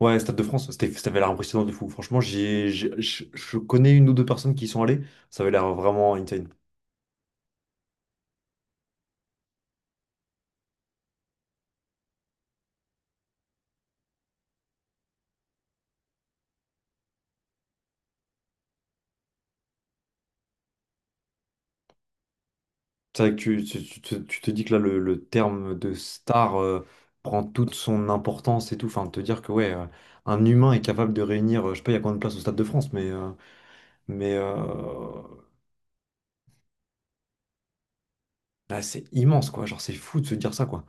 Ouais, Stade de France, c'était, ça avait l'air impressionnant de fou. Franchement, je connais une ou deux personnes qui y sont allées. Ça avait l'air vraiment insane. C'est vrai que tu te dis que là, le terme de star prend toute son importance et tout. Enfin, te dire que ouais, un humain est capable de réunir, je sais pas, il y a combien de places au Stade de France, mais euh, bah, c'est immense, quoi. Genre, c'est fou de se dire ça, quoi.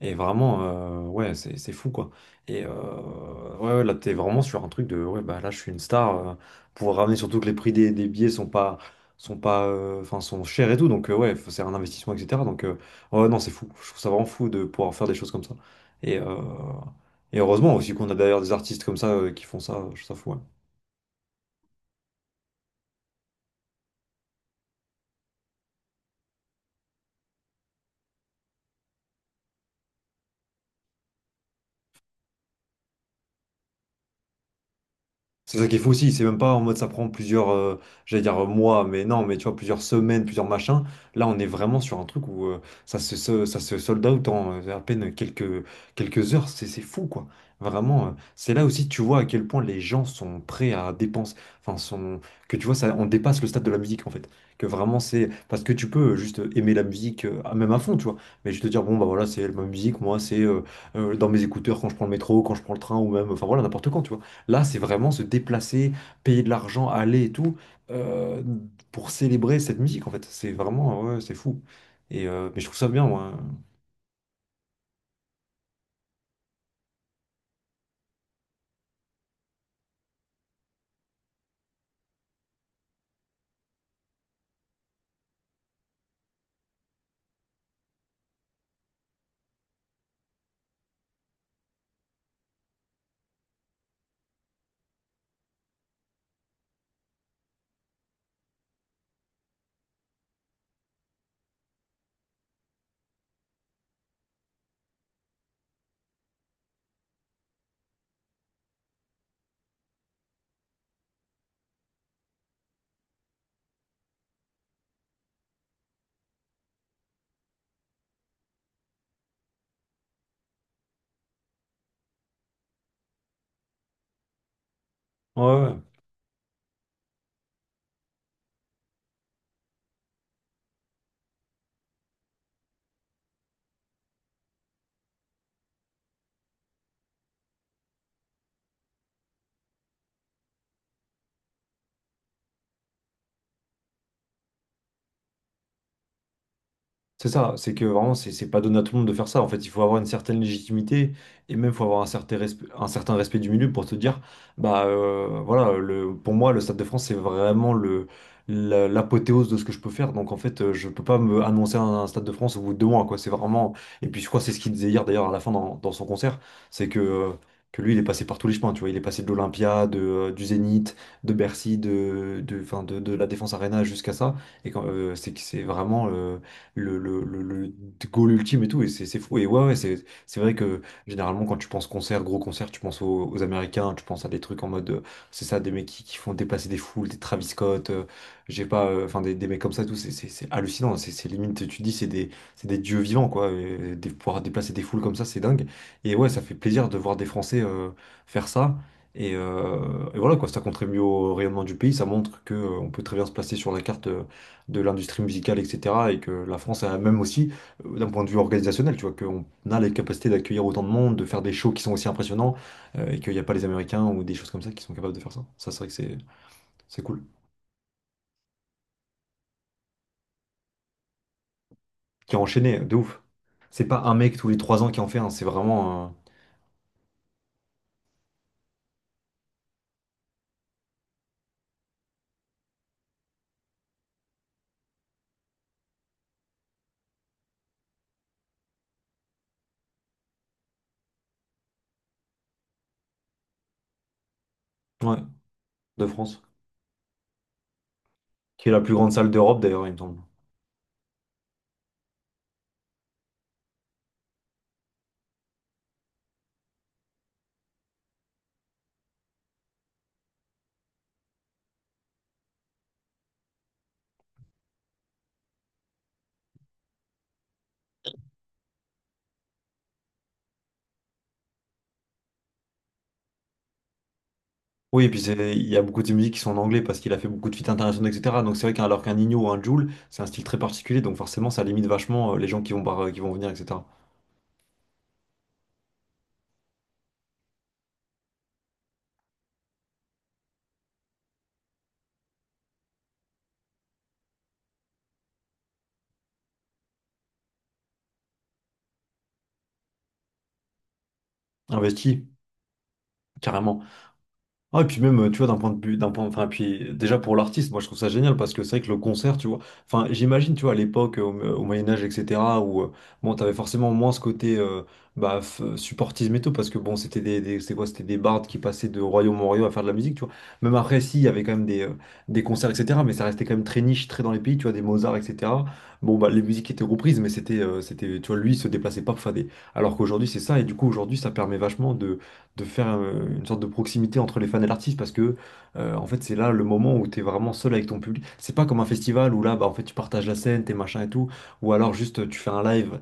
Et vraiment, ouais, c'est fou, quoi. Et ouais, ouais, là, t'es vraiment sur un truc de, ouais, bah là, je suis une star, pour ramener surtout que les prix des billets sont pas, enfin, sont chers et tout. Donc, ouais, c'est un investissement, etc. Donc, ouais, non, c'est fou. Je trouve ça vraiment fou de pouvoir faire des choses comme ça. Et, euh, et heureusement aussi qu'on a d'ailleurs des artistes comme ça, qui font ça. Je trouve ça fou, ouais. C'est ça qui est fou aussi, c'est même pas en mode ça prend plusieurs, j'allais dire mois, mais non, mais tu vois, plusieurs semaines, plusieurs machins. Là, on est vraiment sur un truc où ça se sold out en à peine quelques heures, c'est fou quoi. Vraiment, c'est là aussi que tu vois à quel point les gens sont prêts à dépenser, enfin, que tu vois, ça, on dépasse le stade de la musique en fait. Que vraiment, c'est parce que tu peux juste aimer la musique, même à fond, tu vois, mais je te dire, bon, bah voilà, c'est ma musique, moi, c'est dans mes écouteurs quand je prends le métro, quand je prends le train, ou même, enfin voilà, n'importe quand, tu vois. Là, c'est vraiment se déplacer, payer de l'argent, aller et tout, euh, pour célébrer cette musique, en fait. C'est vraiment, ouais, c'est fou. Mais je trouve ça bien, moi, hein. Ouais, ouais. C'est ça, c'est que vraiment, c'est pas donné à tout le monde de faire ça. En fait, il faut avoir une certaine légitimité et même il faut avoir un certain respect du milieu pour te dire, bah voilà, pour moi, le Stade de France, c'est vraiment l'apothéose de ce que je peux faire. Donc en fait, je peux pas me annoncer un Stade de France au bout de 2 mois, quoi. C'est vraiment. Et puis je crois que c'est ce qu'il disait hier d'ailleurs à la fin dans son concert, c'est que lui, il est passé par tous les chemins, tu vois. Il est passé de l'Olympia, du Zénith, de Bercy, de la Défense Arena jusqu'à ça. C'est que c'est vraiment, le goal ultime et tout, et c'est fou. Et ouais, ouais, c'est vrai que généralement, quand tu penses concert, gros concert, tu penses aux Américains, tu penses à des trucs en mode, c'est ça, des mecs qui font dépasser des foules, des Travis Scott, j'ai pas, enfin, des mecs comme ça, et tout, c'est hallucinant, c'est limite, tu te dis, c'est des dieux vivants, quoi, pouvoir déplacer des foules comme ça, c'est dingue. Et ouais, ça fait plaisir de voir des Français faire ça. Et, euh, et voilà quoi, ça contribue au rayonnement du pays, ça montre que on peut très bien se placer sur la carte de l'industrie musicale, etc. Et que la France a même aussi, d'un point de vue organisationnel, tu vois, qu'on a les capacités d'accueillir autant de monde, de faire des shows qui sont aussi impressionnants, et qu'il n'y a pas les Américains ou des choses comme ça qui sont capables de faire ça. Ça, c'est vrai que c'est cool. Qui a enchaîné, de ouf. C'est pas un mec tous les 3 ans qui en fait un, c'est vraiment ouais, de France. Qui est la plus grande salle d'Europe d'ailleurs, il me semble. Oui, et puis il y a beaucoup de ses musiques qui sont en anglais parce qu'il a fait beaucoup de feats internationaux, etc. Donc c'est vrai qu'alors qu'un Nino ou un Jul, c'est un style très particulier, donc forcément ça limite vachement les gens qui vont, qui vont venir, etc. Investi, carrément. Ah, et puis même, tu vois, d'un point de vue, d'un point, enfin, puis déjà pour l'artiste, moi je trouve ça génial parce que c'est vrai que le concert, tu vois, enfin, j'imagine, tu vois, à l'époque, au Moyen-Âge, etc., où, bon, t'avais forcément moins ce côté, bah, supportisme et tout, parce que bon, c'était c'était quoi, c'était des bardes qui passaient de royaume en royaume à faire de la musique, tu vois. Même après, si, il y avait quand même des concerts, etc., mais ça restait quand même très niche, très dans les pays, tu vois, des Mozart, etc. Bon, bah, les musiques étaient reprises, mais tu vois, lui, il se déplaçait pas pour faire des. Alors qu'aujourd'hui, c'est ça, et du coup, aujourd'hui, ça permet vachement de faire une sorte de proximité entre les fans et l'artiste parce que en fait c'est là le moment où tu es vraiment seul avec ton public. C'est pas comme un festival où là bah en fait tu partages la scène, tes machins et tout, ou alors juste tu fais un live.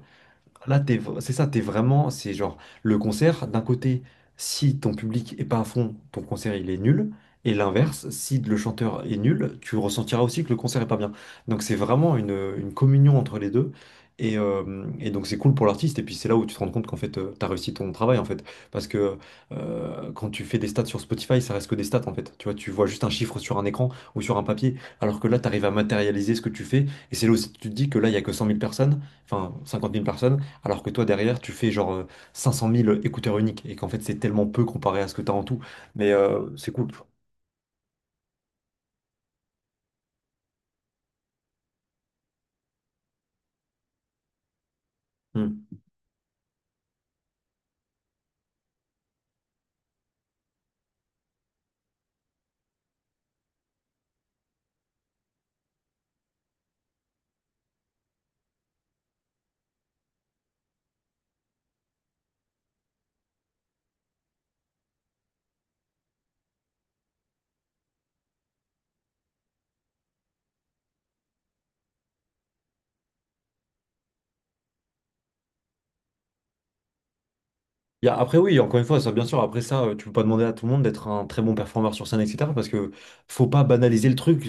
Là, c'est ça, t'es vraiment, c'est genre le concert, d'un côté, si ton public est pas à fond, ton concert il est nul, et l'inverse, si le chanteur est nul, tu ressentiras aussi que le concert est pas bien. Donc c'est vraiment une communion entre les deux, et donc c'est cool pour l'artiste, et puis c'est là où tu te rends compte qu'en fait, t'as réussi ton travail, en fait, parce que quand tu fais des stats sur Spotify, ça reste que des stats, en fait. Tu vois juste un chiffre sur un écran ou sur un papier, alors que là, t'arrives à matérialiser ce que tu fais, et c'est là où tu te dis que là, il y a que 100 000 personnes, enfin 50 000 personnes alors que toi, derrière, tu fais genre 500 000 écouteurs uniques et qu'en fait, c'est tellement peu comparé à ce que tu as en tout. Mais c'est cool. Hmm. Après, oui, encore une fois, ça, bien sûr, après ça, tu peux pas demander à tout le monde d'être un très bon performeur sur scène, etc. Parce que faut pas banaliser le truc.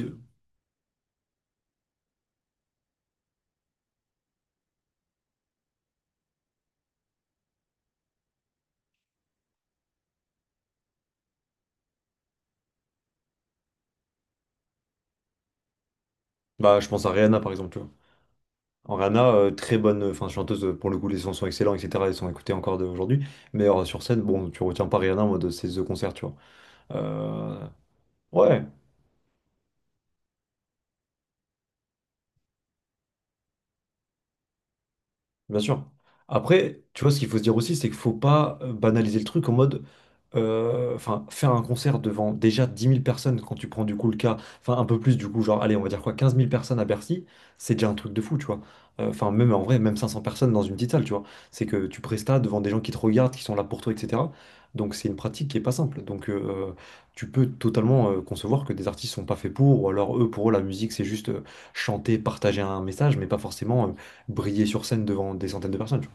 Bah, je pense à Rihanna, par exemple, tu vois. En Rihanna, très bonne enfin, chanteuse, pour le coup, les sons sont excellents, etc. Ils sont écoutés encore aujourd'hui. Mais sur scène, bon, tu retiens pas Rihanna en mode c'est The Concert, tu vois. Euh, ouais. Bien sûr. Après, tu vois, ce qu'il faut se dire aussi, c'est qu'il faut pas banaliser le truc en mode, enfin, faire un concert devant déjà 10 000 personnes quand tu prends du coup le cas, enfin, un peu plus du coup, genre, allez, on va dire quoi, 15 000 personnes à Bercy, c'est déjà un truc de fou, tu vois. Enfin, même en vrai, même 500 personnes dans une petite salle, tu vois. C'est que tu prestas devant des gens qui te regardent, qui sont là pour toi, etc. Donc, c'est une pratique qui est pas simple. Donc, tu peux totalement concevoir que des artistes sont pas faits pour, ou alors eux, pour eux, la musique, c'est juste chanter, partager un message, mais pas forcément, briller sur scène devant des centaines de personnes, tu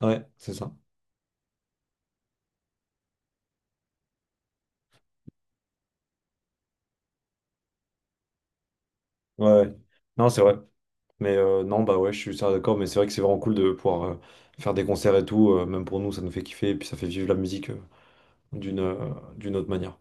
vois. Ouais, c'est ça. Ouais, ouais. Non, c'est vrai. Mais non, bah ouais, je suis ça d'accord, mais c'est vrai que c'est vraiment cool de pouvoir faire des concerts et tout, même pour nous, ça nous fait kiffer, et puis ça fait vivre la musique d'une euh, d'une autre manière.